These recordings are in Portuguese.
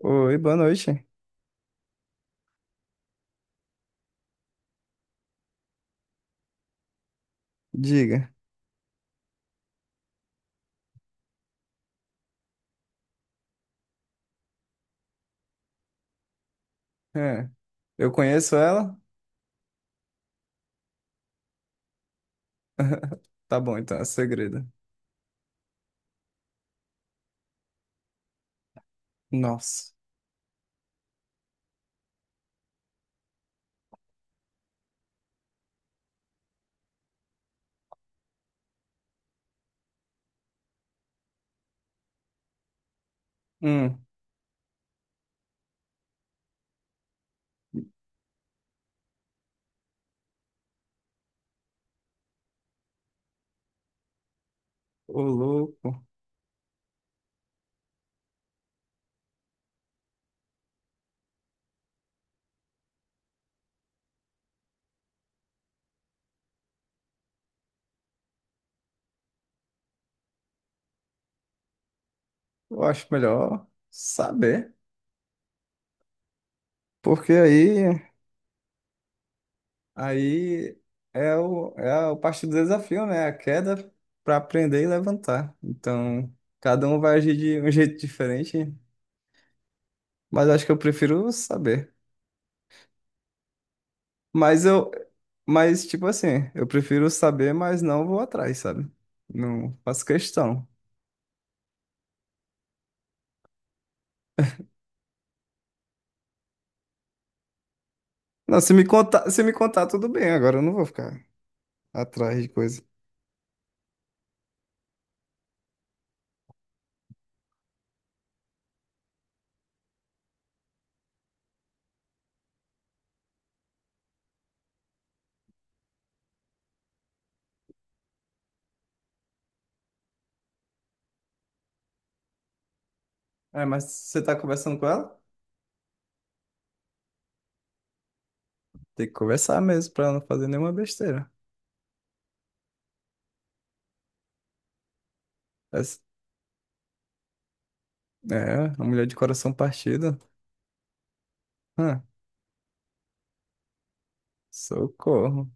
Oi, boa noite. Diga. É. Eu conheço ela? Tá bom, então, é segredo. Nossa. Hum, ô louco. Eu acho melhor saber. Porque aí, aí é o parte do desafio, né? A queda para aprender e levantar. Então, cada um vai agir de um jeito diferente. Mas acho que eu prefiro saber. Mas eu, mas tipo assim, eu prefiro saber, mas não vou atrás, sabe? Não faço questão. Não, se me contar, tudo bem. Agora eu não vou ficar atrás de coisa. É, mas você tá conversando com ela? Tem que conversar mesmo pra ela não fazer nenhuma besteira. Essa- É, a mulher de coração partido. Hã, socorro.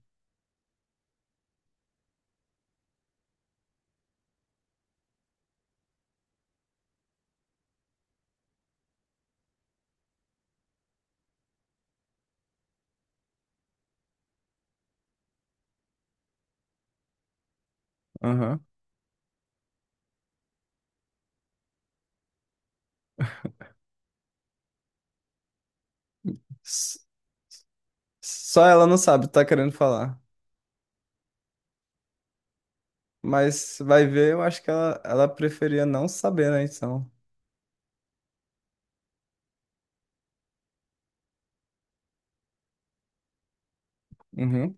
Aham. S- Só ela não sabe, tá querendo falar. Mas vai ver, eu acho que ela preferia não saber, né? Então. Uhum.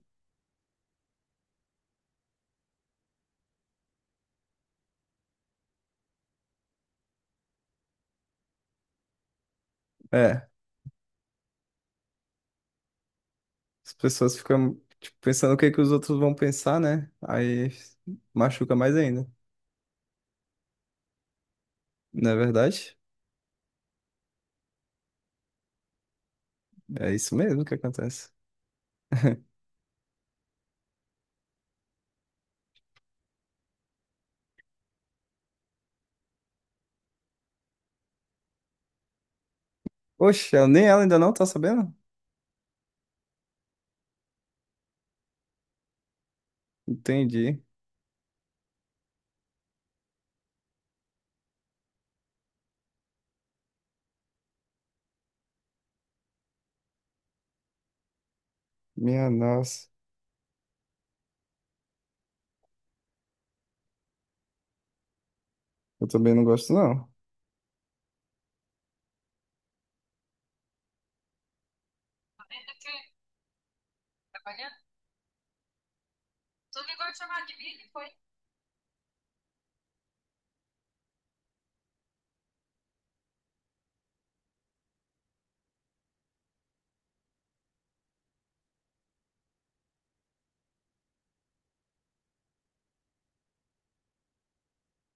É, as pessoas ficam tipo, pensando o que que os outros vão pensar, né? Aí machuca mais ainda, não é verdade? É isso mesmo que acontece. Oxe, nem ela ainda não tá sabendo? Entendi. Minha nossa. Eu também não gosto, não.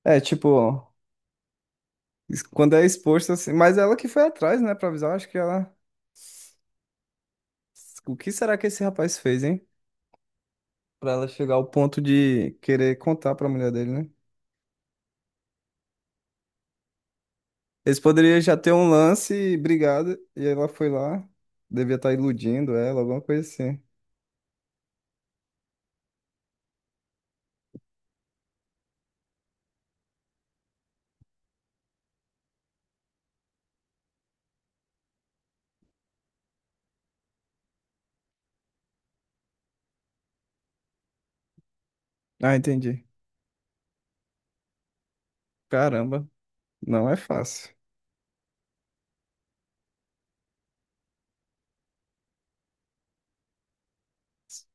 É, tipo, quando é exposto assim. Mas ela que foi atrás, né, pra avisar. Acho que ela. O que será que esse rapaz fez, hein? Pra ela chegar ao ponto de querer contar pra mulher dele, né? Eles poderiam já ter um lance, brigado, e ela foi lá. Devia estar iludindo ela, alguma coisa assim. Ah, entendi. Caramba, não é fácil.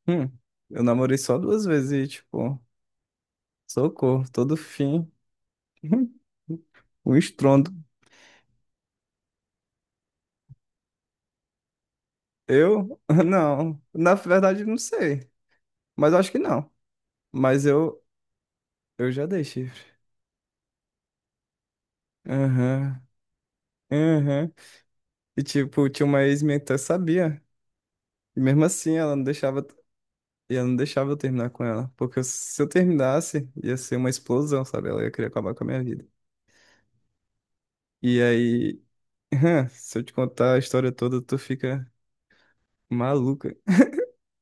Hum, eu namorei só duas vezes e, tipo. Socorro, todo fim. O estrondo. Eu? Não. Na verdade, não sei. Mas eu acho que não. Mas eu, eu já dei chifre. Aham. Aham. E tipo, tinha uma ex minha que até sabia. E mesmo assim, ela não deixava. E ela não deixava eu terminar com ela. Porque se eu terminasse, ia ser uma explosão, sabe? Ela ia querer acabar com a minha vida. E aí, se eu te contar a história toda, tu fica maluca.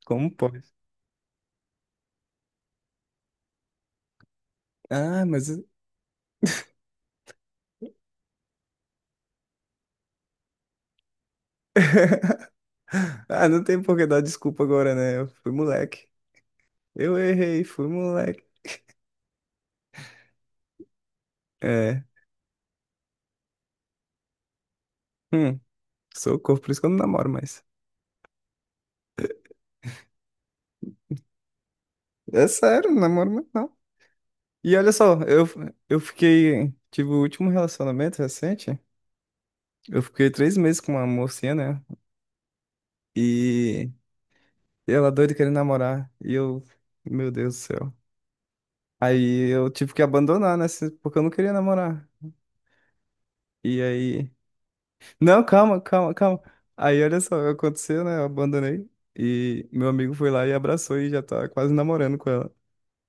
Como pode? Ah, mas. Ah, não tem por que dar desculpa agora, né? Eu fui moleque. Eu errei, fui moleque. É. Hum, socorro, por isso que eu não namoro mais. É sério, não namoro mais não. E olha só, eu fiquei. Tive o último relacionamento recente. Eu fiquei 3 meses com uma mocinha, né? E ela doida querendo namorar. E eu. Meu Deus do céu. Aí eu tive que abandonar, né? Porque eu não queria namorar. E aí. Não, calma. Aí olha só, aconteceu, né? Eu abandonei. E meu amigo foi lá e abraçou e já tá quase namorando com ela.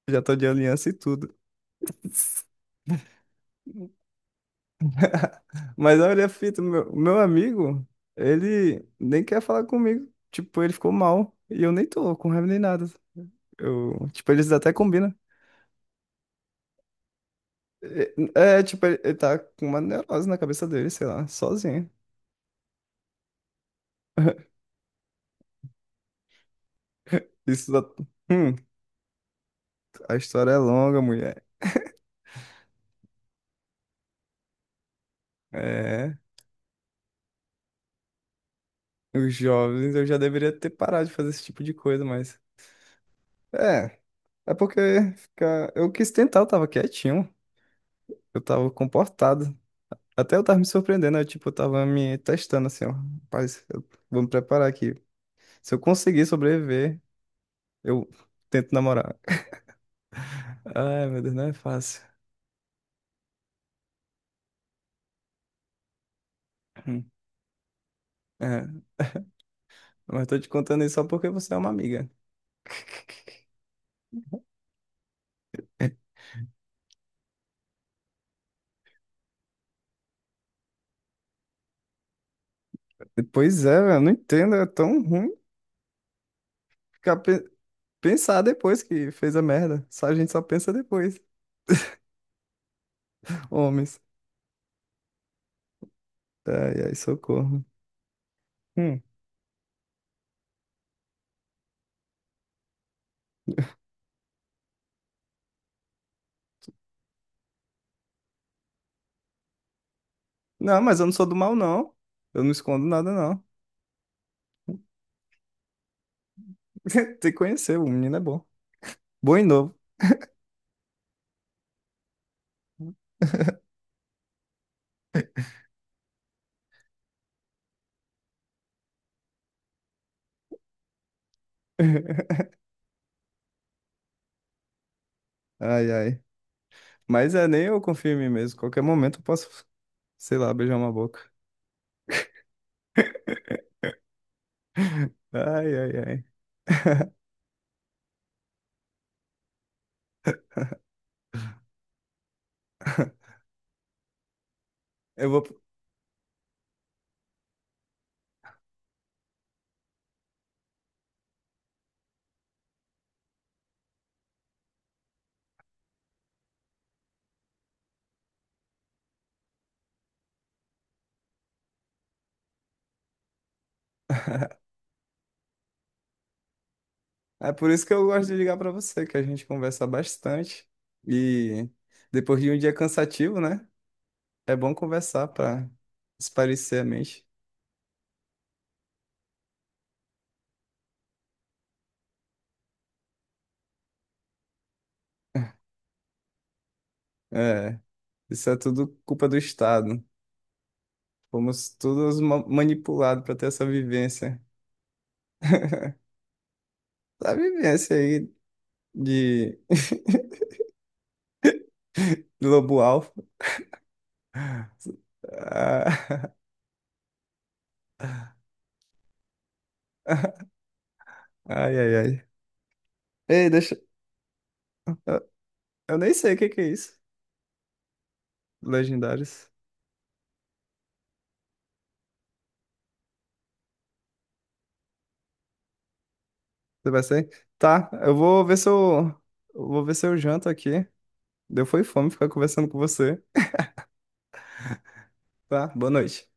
Já tá de aliança e tudo. Mas olha a fita, meu amigo, ele nem quer falar comigo. Tipo, ele ficou mal. E eu nem tô com raiva nem nada. Eu, tipo, eles até combinam. Tipo, ele tá com uma neurose na cabeça dele, sei lá, sozinho. Isso da... Hum, a história é longa, mulher. É. Os jovens, eu já deveria ter parado de fazer esse tipo de coisa, mas. É, é porque ficar... eu quis tentar, eu tava quietinho, eu tava comportado. Até eu tava me surpreendendo, eu, tipo, eu tava me testando assim, ó. Rapaz, eu vou me preparar aqui. Se eu conseguir sobreviver, eu tento namorar. Ai, meu Deus, não é fácil. Hum. É, mas tô te contando isso só porque você é uma amiga. É, pois é, velho, eu não entendo, é tão ruim ficar pensar depois que fez a merda. Só a gente só pensa depois, homens. Ai, ai, socorro. Hum. Não, mas eu não sou do mal, não. Eu não escondo nada, não. Tem que conhecer, o menino é bom. Bom e novo. Ai, ai. Mas é, nem eu confio em mim mesmo. Qualquer momento eu posso, sei lá, beijar uma boca. Ai, ai, ai. Eu vou... É por isso que eu gosto de ligar pra você, que a gente conversa bastante. E depois de um dia cansativo, né? É bom conversar pra espairecer a mente. É, isso é tudo culpa do Estado. Fomos todos manipulados para ter essa vivência. Essa vivência aí de lobo alfa. Ah, Ai, ai, ai. Ei, deixa. Eu, eu nem sei o que que é isso. Legendários. Você vai ser? Tá, eu vou ver se eu. Eu vou ver se eu janto aqui. Deu foi fome ficar conversando com você. Tá, boa noite.